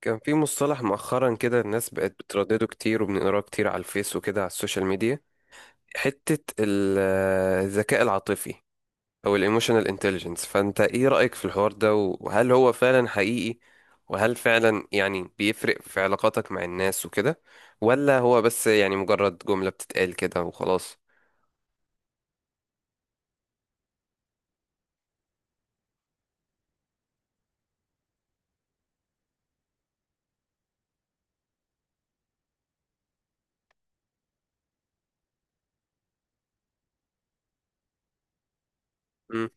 كان في مصطلح مؤخرا كده الناس بقت بتردده كتير وبنقراه كتير على الفيس وكده على السوشيال ميديا. حتة ال- الذكاء العاطفي أو الايموشنال انتليجنس، فأنت إيه رأيك في الحوار ده؟ وهل هو فعلا حقيقي؟ وهل فعلا بيفرق في علاقاتك مع الناس وكده، ولا هو بس يعني مجرد جملة بتتقال كده وخلاص؟ مم.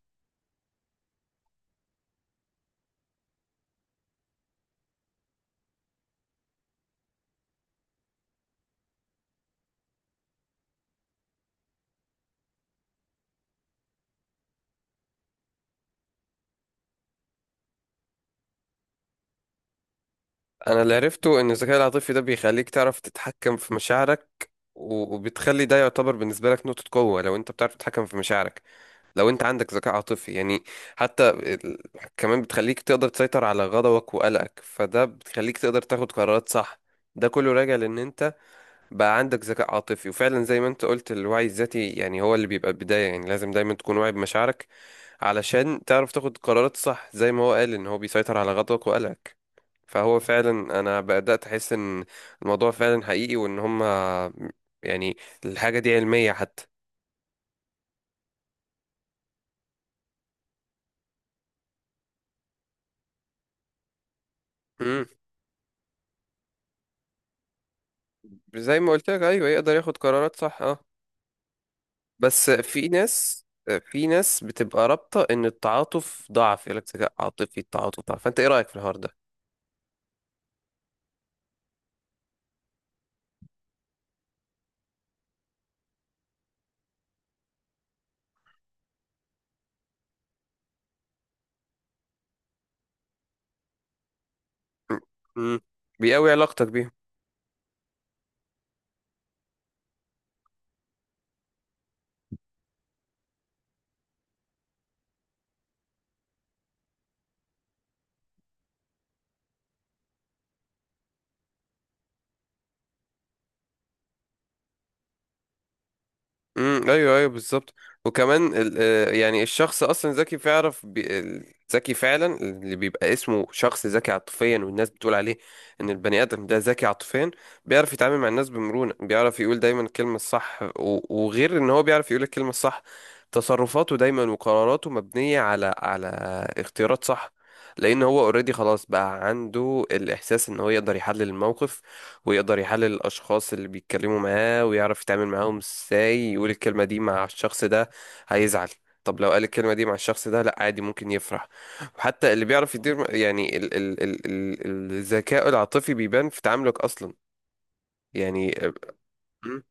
أنا اللي عرفته إن الذكاء العاطفي ده بيخليك تعرف تتحكم في مشاعرك، وبتخلي ده يعتبر بالنسبة لك نقطة قوة لو أنت بتعرف تتحكم في مشاعرك، لو انت عندك ذكاء عاطفي يعني. حتى ال- كمان بتخليك تقدر تسيطر على غضبك وقلقك، فده بتخليك تقدر تاخد قرارات صح. ده كله راجع لان انت بقى عندك ذكاء عاطفي، وفعلا زي ما انت قلت الوعي الذاتي يعني هو اللي بيبقى البداية، يعني لازم دايما تكون واعي بمشاعرك علشان تعرف تاخد قرارات صح، زي ما هو قال ان هو بيسيطر على غضبك وقلقك. فهو فعلا انا بدأت احس ان الموضوع فعلا حقيقي، وان هما يعني الحاجة دي علمية حتى. مم. زي ما قلت لك، ايوه يقدر ياخد قرارات صح، اه. بس في ناس، في ناس بتبقى رابطة ان التعاطف ضعف، يقول لك ذكاء عاطفي، التعاطف ضعف، فانت ايه رأيك في الحوار ده؟ م- م. بيقوي علاقتك بيهم. امم، ايوه ايوه بالظبط. وكمان ال- يعني الشخص اصلا ذكي، ذكي فعلا اللي بيبقى اسمه شخص ذكي عاطفيا، والناس بتقول عليه ان البني ادم ده ذكي عاطفيا. بيعرف يتعامل مع الناس بمرونة، بيعرف يقول دايما الكلمة الصح، وغير ان هو بيعرف يقول الكلمة الصح، تصرفاته دايما وقراراته مبنية على اختيارات صح، لان هو اوريدي خلاص بقى عنده الاحساس ان هو يقدر يحلل الموقف، ويقدر يحلل الأشخاص اللي بيتكلموا معاه، ويعرف يتعامل معاهم ازاي. يقول الكلمة دي مع الشخص ده، هيزعل. طب لو قال الكلمة دي مع الشخص ده، لأ عادي ممكن يفرح. وحتى اللي بيعرف يدير يعني ال ال ال ال الذكاء العاطفي بيبان في تعاملك أصلا. يعني أم،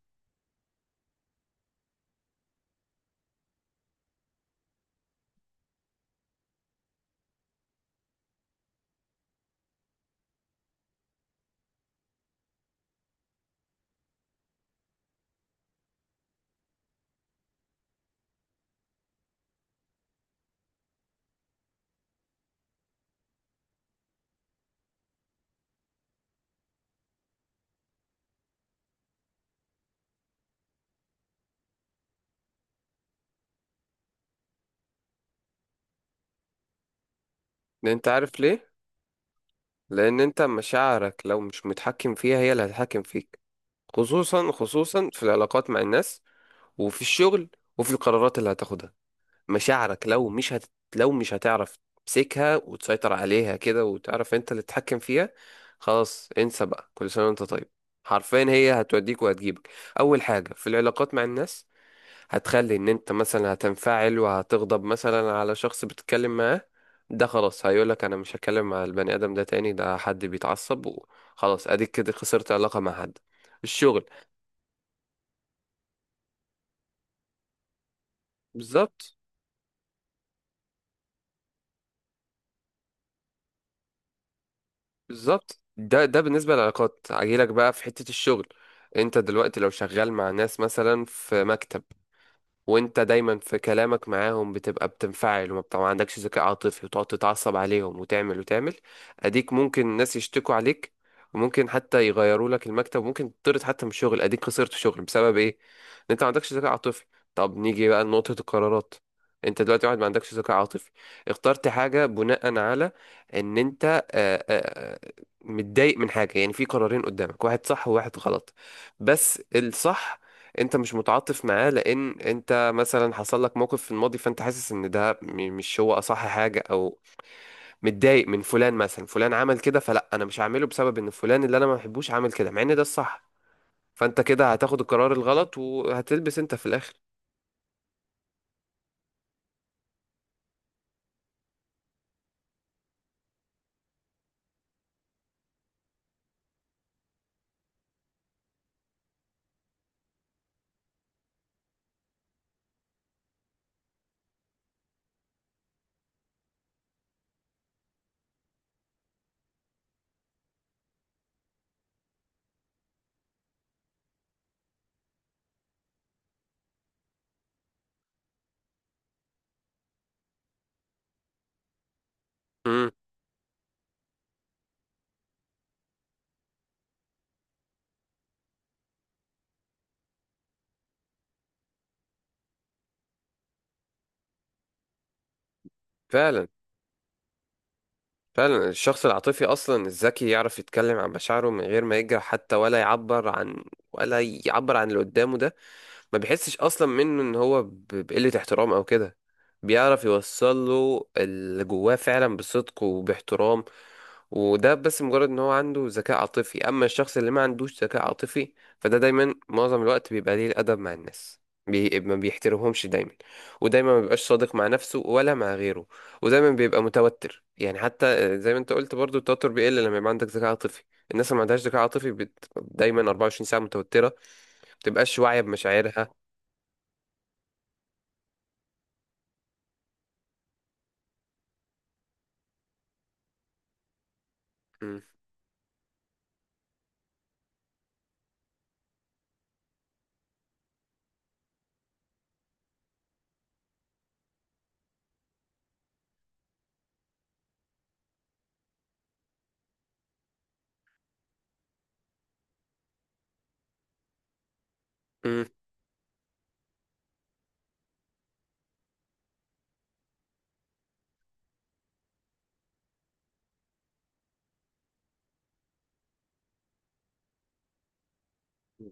أنت عارف ليه؟ لأن أنت مشاعرك لو مش متحكم فيها، هي اللي هتتحكم فيك. خصوصا في العلاقات مع الناس، وفي الشغل، وفي القرارات اللي هتاخدها. مشاعرك لو مش هت... لو مش هتعرف تمسكها وتسيطر عليها كده، وتعرف انت اللي تتحكم فيها، خلاص انسى بقى، كل سنة وانت طيب. حرفيا هي هتوديك وهتجيبك. اول حاجة في العلاقات مع الناس، هتخلي ان انت مثلا هتنفعل وهتغضب مثلا على شخص بتتكلم معاه، ده خلاص هيقولك انا مش هتكلم مع البني ادم ده تاني، ده حد بيتعصب وخلاص، اديك كده خسرت علاقة مع حد. الشغل، بالظبط. ده بالنسبة للعلاقات، هجيلك بقى في حتة الشغل. انت دلوقتي لو شغال مع ناس مثلا في مكتب، وانت دايما في كلامك معاهم بتبقى بتنفعل، وما بتبقى ما عندكش ذكاء عاطفي، وتقعد تتعصب عليهم وتعمل وتعمل، اديك ممكن الناس يشتكوا عليك، وممكن حتى يغيروا لك المكتب، وممكن تطرد حتى من الشغل، اديك خسرت شغل بسبب ايه؟ ان انت ما عندكش ذكاء عاطفي. طب نيجي بقى لنقطة القرارات. انت دلوقتي واحد ما عندكش ذكاء عاطفي، اخترت حاجة بناء على ان انت متضايق من حاجة. يعني في قرارين قدامك، واحد صح وواحد غلط، بس الصح انت مش متعاطف معاه لان انت مثلا حصل لك موقف في الماضي، فانت حاسس ان ده مش هو اصح حاجه، او متضايق من فلان، مثلا فلان عمل كده، فلا انا مش هعمله بسبب ان فلان اللي انا ما بحبوش عمل كده، مع ان ده الصح. فانت كده هتاخد القرار الغلط، وهتلبس انت في الاخر. امم. فعلا، فعلا الشخص العاطفي اصلا الذكي يعرف يتكلم عن مشاعره من غير ما يجرح حتى، ولا يعبر عن اللي قدامه ده، ما بيحسش اصلا منه ان هو بقلة احترام او كده، بيعرف يوصل له اللي جواه فعلا بصدق وباحترام. وده بس مجرد ان هو عنده ذكاء عاطفي. اما الشخص اللي ما عندوش ذكاء عاطفي، فده دايما معظم الوقت بيبقى ليه الادب مع الناس، ما بيحترمهمش دايما، ودايما ما بيبقاش صادق مع نفسه ولا مع غيره، ودايما بيبقى متوتر. يعني حتى زي ما انت قلت برضو، التوتر بيقل لما يبقى عندك ذكاء عاطفي. الناس اللي ما عندهاش ذكاء عاطفي دايما 24 ساعة متوترة، ما بتبقاش واعية بمشاعرها. مم. مم.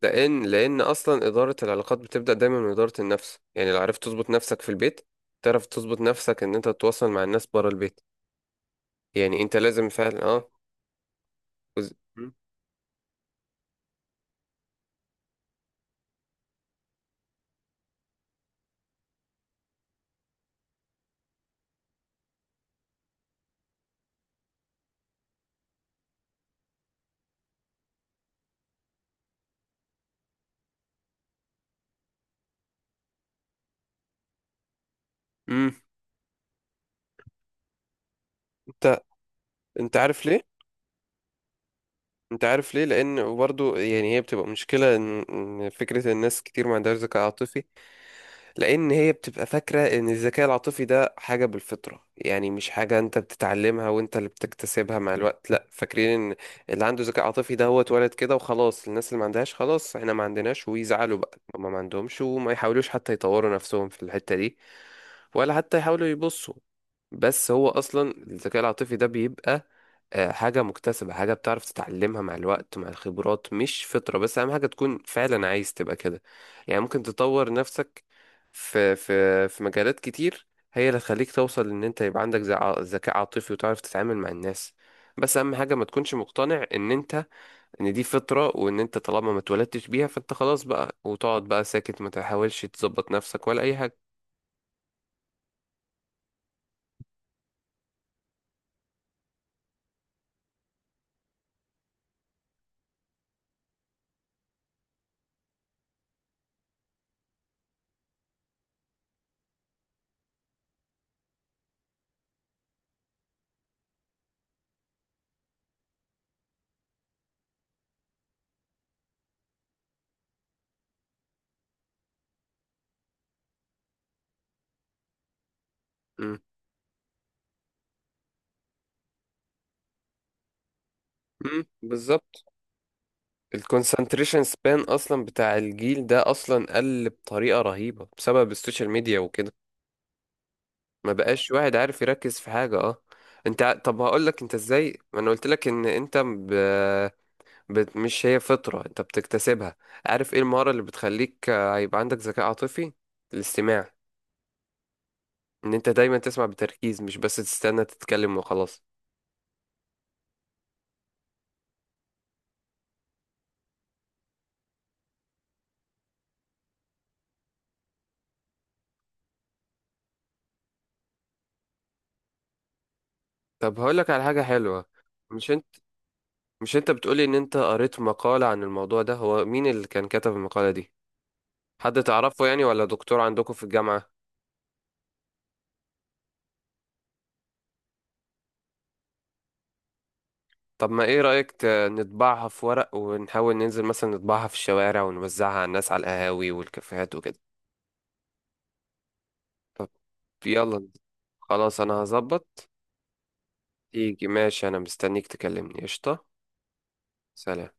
لأن أصلا إدارة العلاقات بتبدأ دايما من إدارة النفس. يعني لو عرفت تظبط نفسك في البيت، تعرف تظبط نفسك إن أنت تتواصل مع الناس بره البيت. يعني أنت لازم فعلا أه. مم. مم. أنت أنت عارف ليه؟ أنت عارف ليه؟ لأن برضو يعني هي بتبقى مشكلة، إن فكرة الناس كتير ما عندهاش ذكاء عاطفي، لان هي بتبقى فاكره ان الذكاء العاطفي ده حاجه بالفطره، يعني مش حاجه انت بتتعلمها وانت اللي بتكتسبها مع الوقت. لا، فاكرين ان اللي عنده ذكاء عاطفي ده هو اتولد كده وخلاص، الناس اللي ما عندهاش خلاص احنا ما عندناش، ويزعلوا بقى هما ما عندهمش، وما يحاولوش حتى يطوروا نفسهم في الحته دي، ولا حتى يحاولوا يبصوا. بس هو اصلا الذكاء العاطفي ده بيبقى حاجة مكتسبة، حاجة بتعرف تتعلمها مع الوقت مع الخبرات، مش فطرة. بس أهم حاجة تكون فعلا عايز تبقى كده، يعني ممكن تطور نفسك في مجالات كتير، هي اللي تخليك توصل إن أنت يبقى عندك ذكاء عاطفي وتعرف تتعامل مع الناس. بس أهم حاجة ما تكونش مقتنع إن أنت، إن دي فطرة، وإن أنت طالما ما اتولدتش بيها فأنت خلاص بقى، وتقعد بقى ساكت، ما تحاولش تظبط نفسك ولا أي حاجة. م- م- بالظبط. الكونسنتريشن سبان اصلا بتاع الجيل ده اصلا قل بطريقه رهيبه بسبب السوشيال ميديا وكده، ما بقاش واحد عارف يركز في حاجه، اه. طب هقول لك انت ازاي. ما انا قلت لك ان انت مش هي فطره، انت بتكتسبها. عارف ايه المهاره اللي بتخليك هيبقى عندك ذكاء عاطفي؟ الاستماع. ان انت دايما تسمع بتركيز، مش بس تستنى تتكلم وخلاص. طب هقول لك على حاجه حلوه. مش انت مش انت بتقولي ان انت قريت مقاله عن الموضوع ده، هو مين اللي كان كتب المقاله دي؟ حد تعرفه يعني، ولا دكتور عندكم في الجامعة؟ طب ما ايه رأيك نطبعها في ورق، ونحاول ننزل مثلا نطبعها في الشوارع، ونوزعها على الناس على القهاوي والكافيهات وكده؟ طب، يلا، خلاص انا هظبط. تيجي ماشي، انا مستنيك تكلمني، قشطة. سلام.